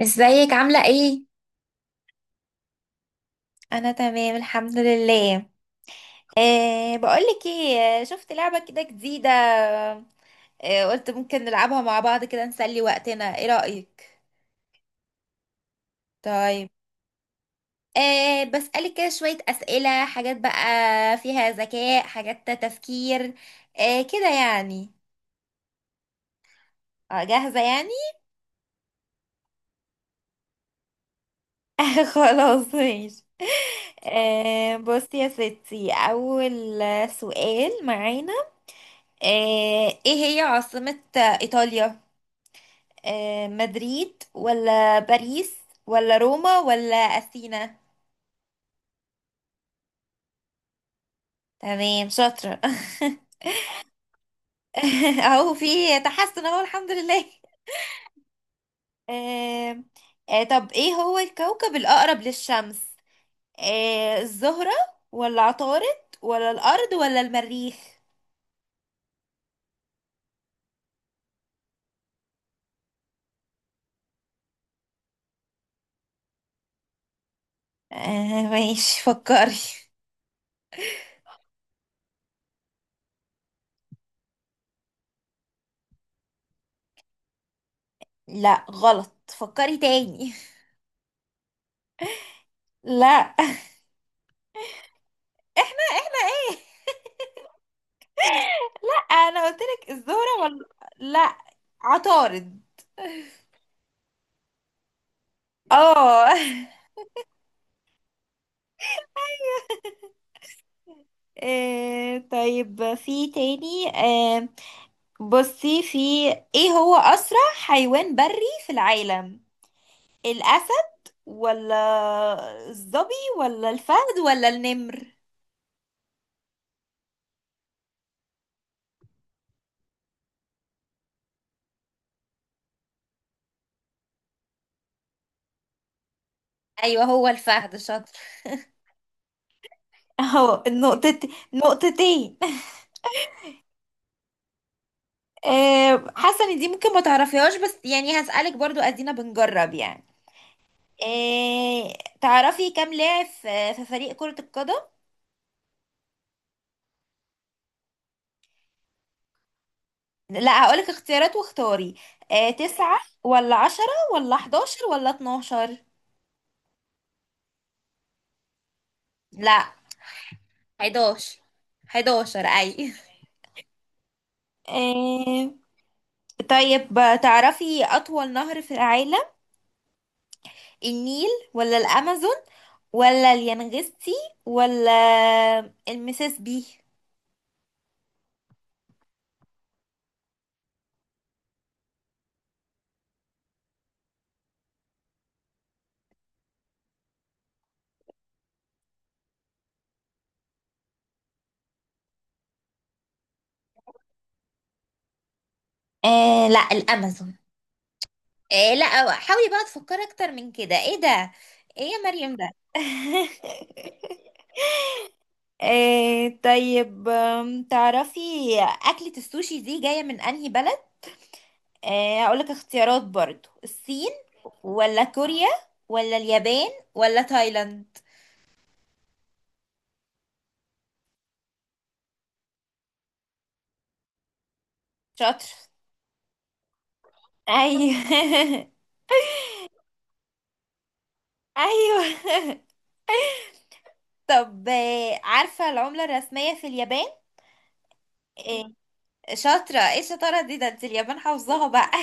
ازيك عاملة ايه؟ انا تمام الحمد لله. بقولك ايه، شفت لعبة كده جديدة. قلت ممكن نلعبها مع بعض كده، نسلي وقتنا. ايه رأيك؟ طيب. بسألك كده شوية أسئلة، حاجات بقى فيها ذكاء، حاجات تفكير، كده يعني. جاهزة يعني. خلاص ماشي. بصي يا ستي، أول سؤال معانا. أه ايه هي عاصمة إيطاليا؟ مدريد ولا باريس ولا روما ولا أثينا؟ تمام، شاطرة. اهو في تحسن، اهو الحمد لله. آه، طب ايه هو الكوكب الأقرب للشمس؟ الزهرة ولا عطارد ولا الأرض ولا المريخ؟ ماشي، فكري. لا غلط، فكري تاني. لا. احنا ايه؟ انا قلت لك الزهرة ولا؟ لا، عطارد. اه. طيب، في تاني. بصي، في ايه هو اسرع حيوان بري في العالم؟ الاسد ولا الظبي ولا الفهد ولا النمر؟ ايوه، هو الفهد، شاطر. اهو النقطة، نقطتين. حاسه ان دي ممكن ما تعرفيهاش، بس يعني هسألك برضو، ادينا بنجرب يعني. آه، تعرفي كام لاعب في فريق كرة القدم؟ لا، هقولك اختيارات واختاري. تسعة ولا 10 ولا 11 ولا 12؟ لا، حداشر، حداشر، أي. آه، طيب، تعرفي أطول نهر في العالم؟ النيل ولا الأمازون ولا اليانغستي ولا المسيسيبي؟ لا، الأمازون. لا، حاولي بقى تفكري أكتر من كده، ايه ده؟ ايه يا مريم ده؟ إيه، طيب. تعرفي أكلة السوشي دي جاية من أنهي بلد؟ إيه، أقولك اختيارات برضو. الصين ولا كوريا ولا اليابان ولا تايلاند؟ شاطر. أيوه. أيوه. طب، عارفة العملة الرسمية في اليابان؟ إيه، شاطرة، ايه الشطارة دي؟ ده انت اليابان حافظاها بقى.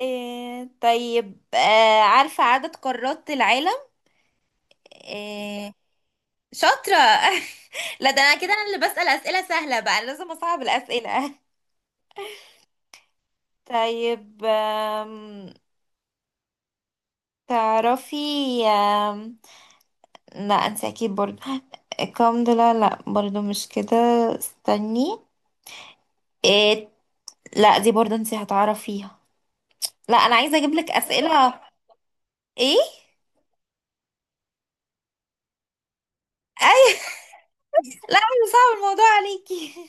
إيه، طيب. عارفة عدد قارات العالم؟ إيه، شاطرة. لا ده انا كده، انا اللي بسأل اسئلة سهلة بقى، أنا لازم اصعب الاسئلة. طيب. تعرفي. أم... لا انت اكيد برضو الكم ده، لا لا برضو مش كده، استني. إيه، لا دي برضو انت هتعرفيها. لا، انا عايزة اجيب لك اسئلة. ايه، اي. لا، انا صعب الموضوع عليكي.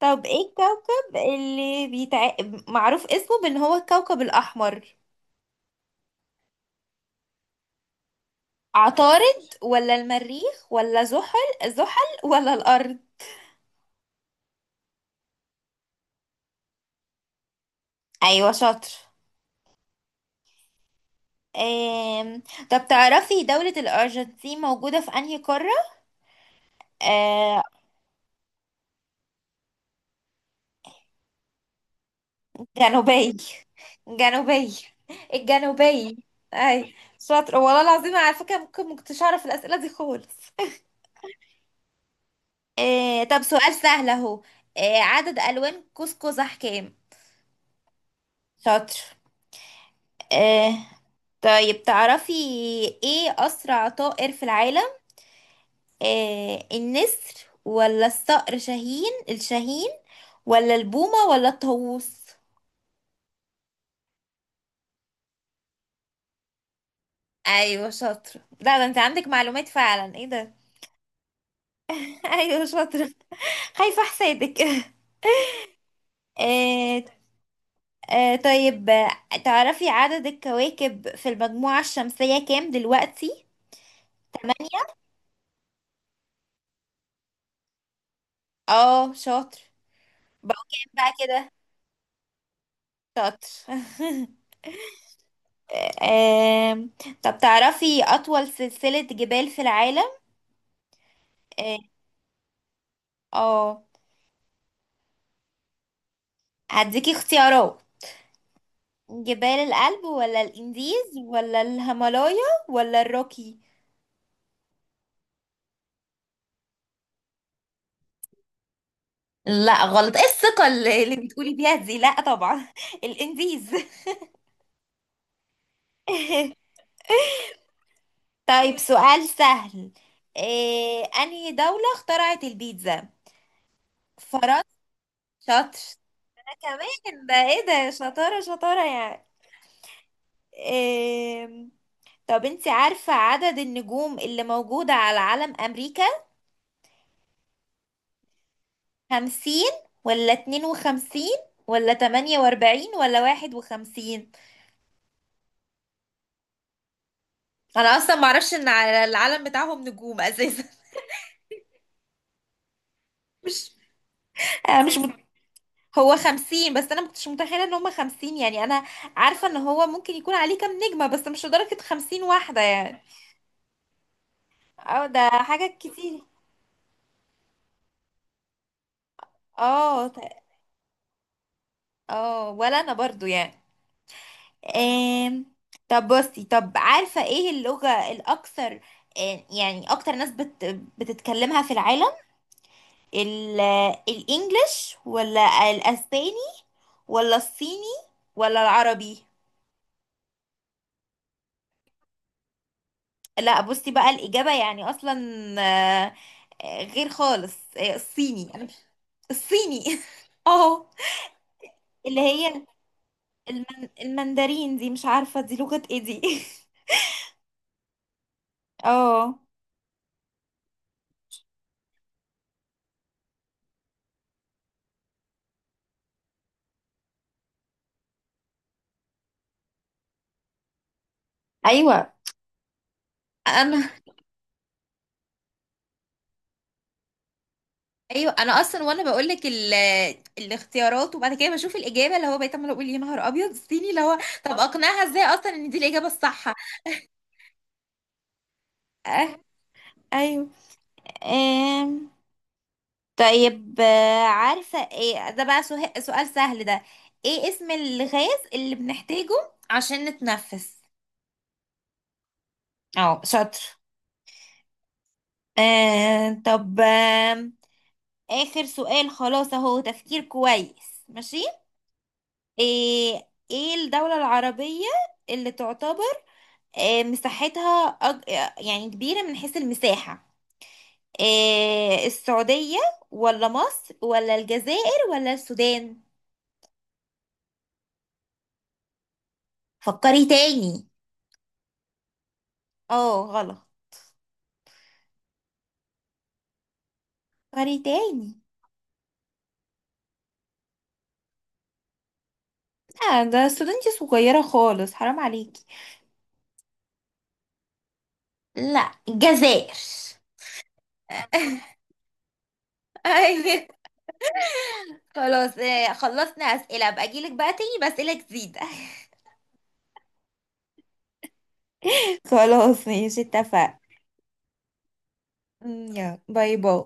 طب ايه الكوكب اللي معروف اسمه بان هو الكوكب الاحمر؟ عطارد ولا المريخ ولا زحل ولا الأرض؟ أيوة، شاطر. آم... طب تعرفي دولة الأرجنتين موجودة في أنهي قارة؟ آه... جنوبية، جنوبية، الجنوبية، أي. شاطر، والله العظيم، على فكرة ممكن مكنتش أعرف الأسئلة دي خالص. طب سؤال سهل أهو. عدد ألوان قوس قزح كام؟ شاطر. آه... طيب، تعرفي إيه أسرع طائر في العالم؟ النسر ولا الصقر شاهين، الشاهين ولا البومة ولا الطاووس؟ ايوه شاطرة، لا ده انت عندك معلومات فعلا، ايه ده. ايوه شاطرة، خايفة حسادك. آه طيب تعرفي عدد الكواكب في المجموعة الشمسية كام دلوقتي؟ تمانية، اه شاطر. بقوا كام بقى كده؟ شاطر. آم، طب تعرفي أطول سلسلة جبال في العالم؟ اه. آه، هديكي اختيارات. جبال الألب ولا الإنديز ولا الهيمالايا ولا الروكي؟ لا غلط، ايه الثقة اللي بتقولي بيها دي، لا طبعا. الإنديز. طيب سؤال سهل. إيه أنهي دولة اخترعت البيتزا؟ فرنسا؟ شاطر. ده كمان ده، ايه ده، شطارة شطارة يعني. إيه، طب انت عارفة عدد النجوم اللي موجودة على علم أمريكا؟ 50 ولا 52 ولا 48 ولا 51؟ انا اصلا معرفش ان على العلم بتاعهم نجوم اساسا. مش. مش هو 50 بس انا مكنتش متخيلة ان هما 50 يعني. انا عارفة ان هو ممكن يكون عليه كام نجمة، بس مش لدرجة 50 واحدة يعني. اه ده حاجة كتير. اه اه، ولا انا برضو يعني. آم... طب بصي، طب عارفة ايه اللغة الاكثر، يعني اكتر ناس بتتكلمها في العالم. ال الانجليش ولا الاسباني ولا الصيني ولا العربي؟ لا بصي بقى الاجابه يعني اصلا، آه، غير خالص، الصيني، انا مش، الصيني. اه، اللي هي المندرين دي، مش عارفه دي لغه ايه دي. اه ايوه انا. ايوه انا اصلا وانا بقول لك الاختيارات وبعد كده بشوف الاجابه، اللي هو بقيت عماله اقول يا نهار ابيض، الصيني اللي هو. طب اقنعها ازاي اصلا ان دي الاجابه الصح؟ أه. ايوه. آم، طيب عارفة ايه ده بقى، سؤال سهل ده. ايه اسم الغاز اللي بنحتاجه عشان نتنفس؟ اه، شاطر. طب آخر سؤال خلاص اهو، تفكير كويس، ماشي. ايه الدولة العربية اللي تعتبر مساحتها، يعني كبيرة من حيث المساحة؟ السعودية ولا مصر ولا الجزائر ولا السودان؟ فكري تاني. اه غلط. فري تاني. لا ده استودنتي صغيرة خالص، حرام عليكي. لا، الجزائر. ايوه. خلاص، خلصنا أسئلة بقى، أجيلك بقى تاني بأسئلة جديدة. خلاص ماشي، اتفقنا. يلا، باي باي.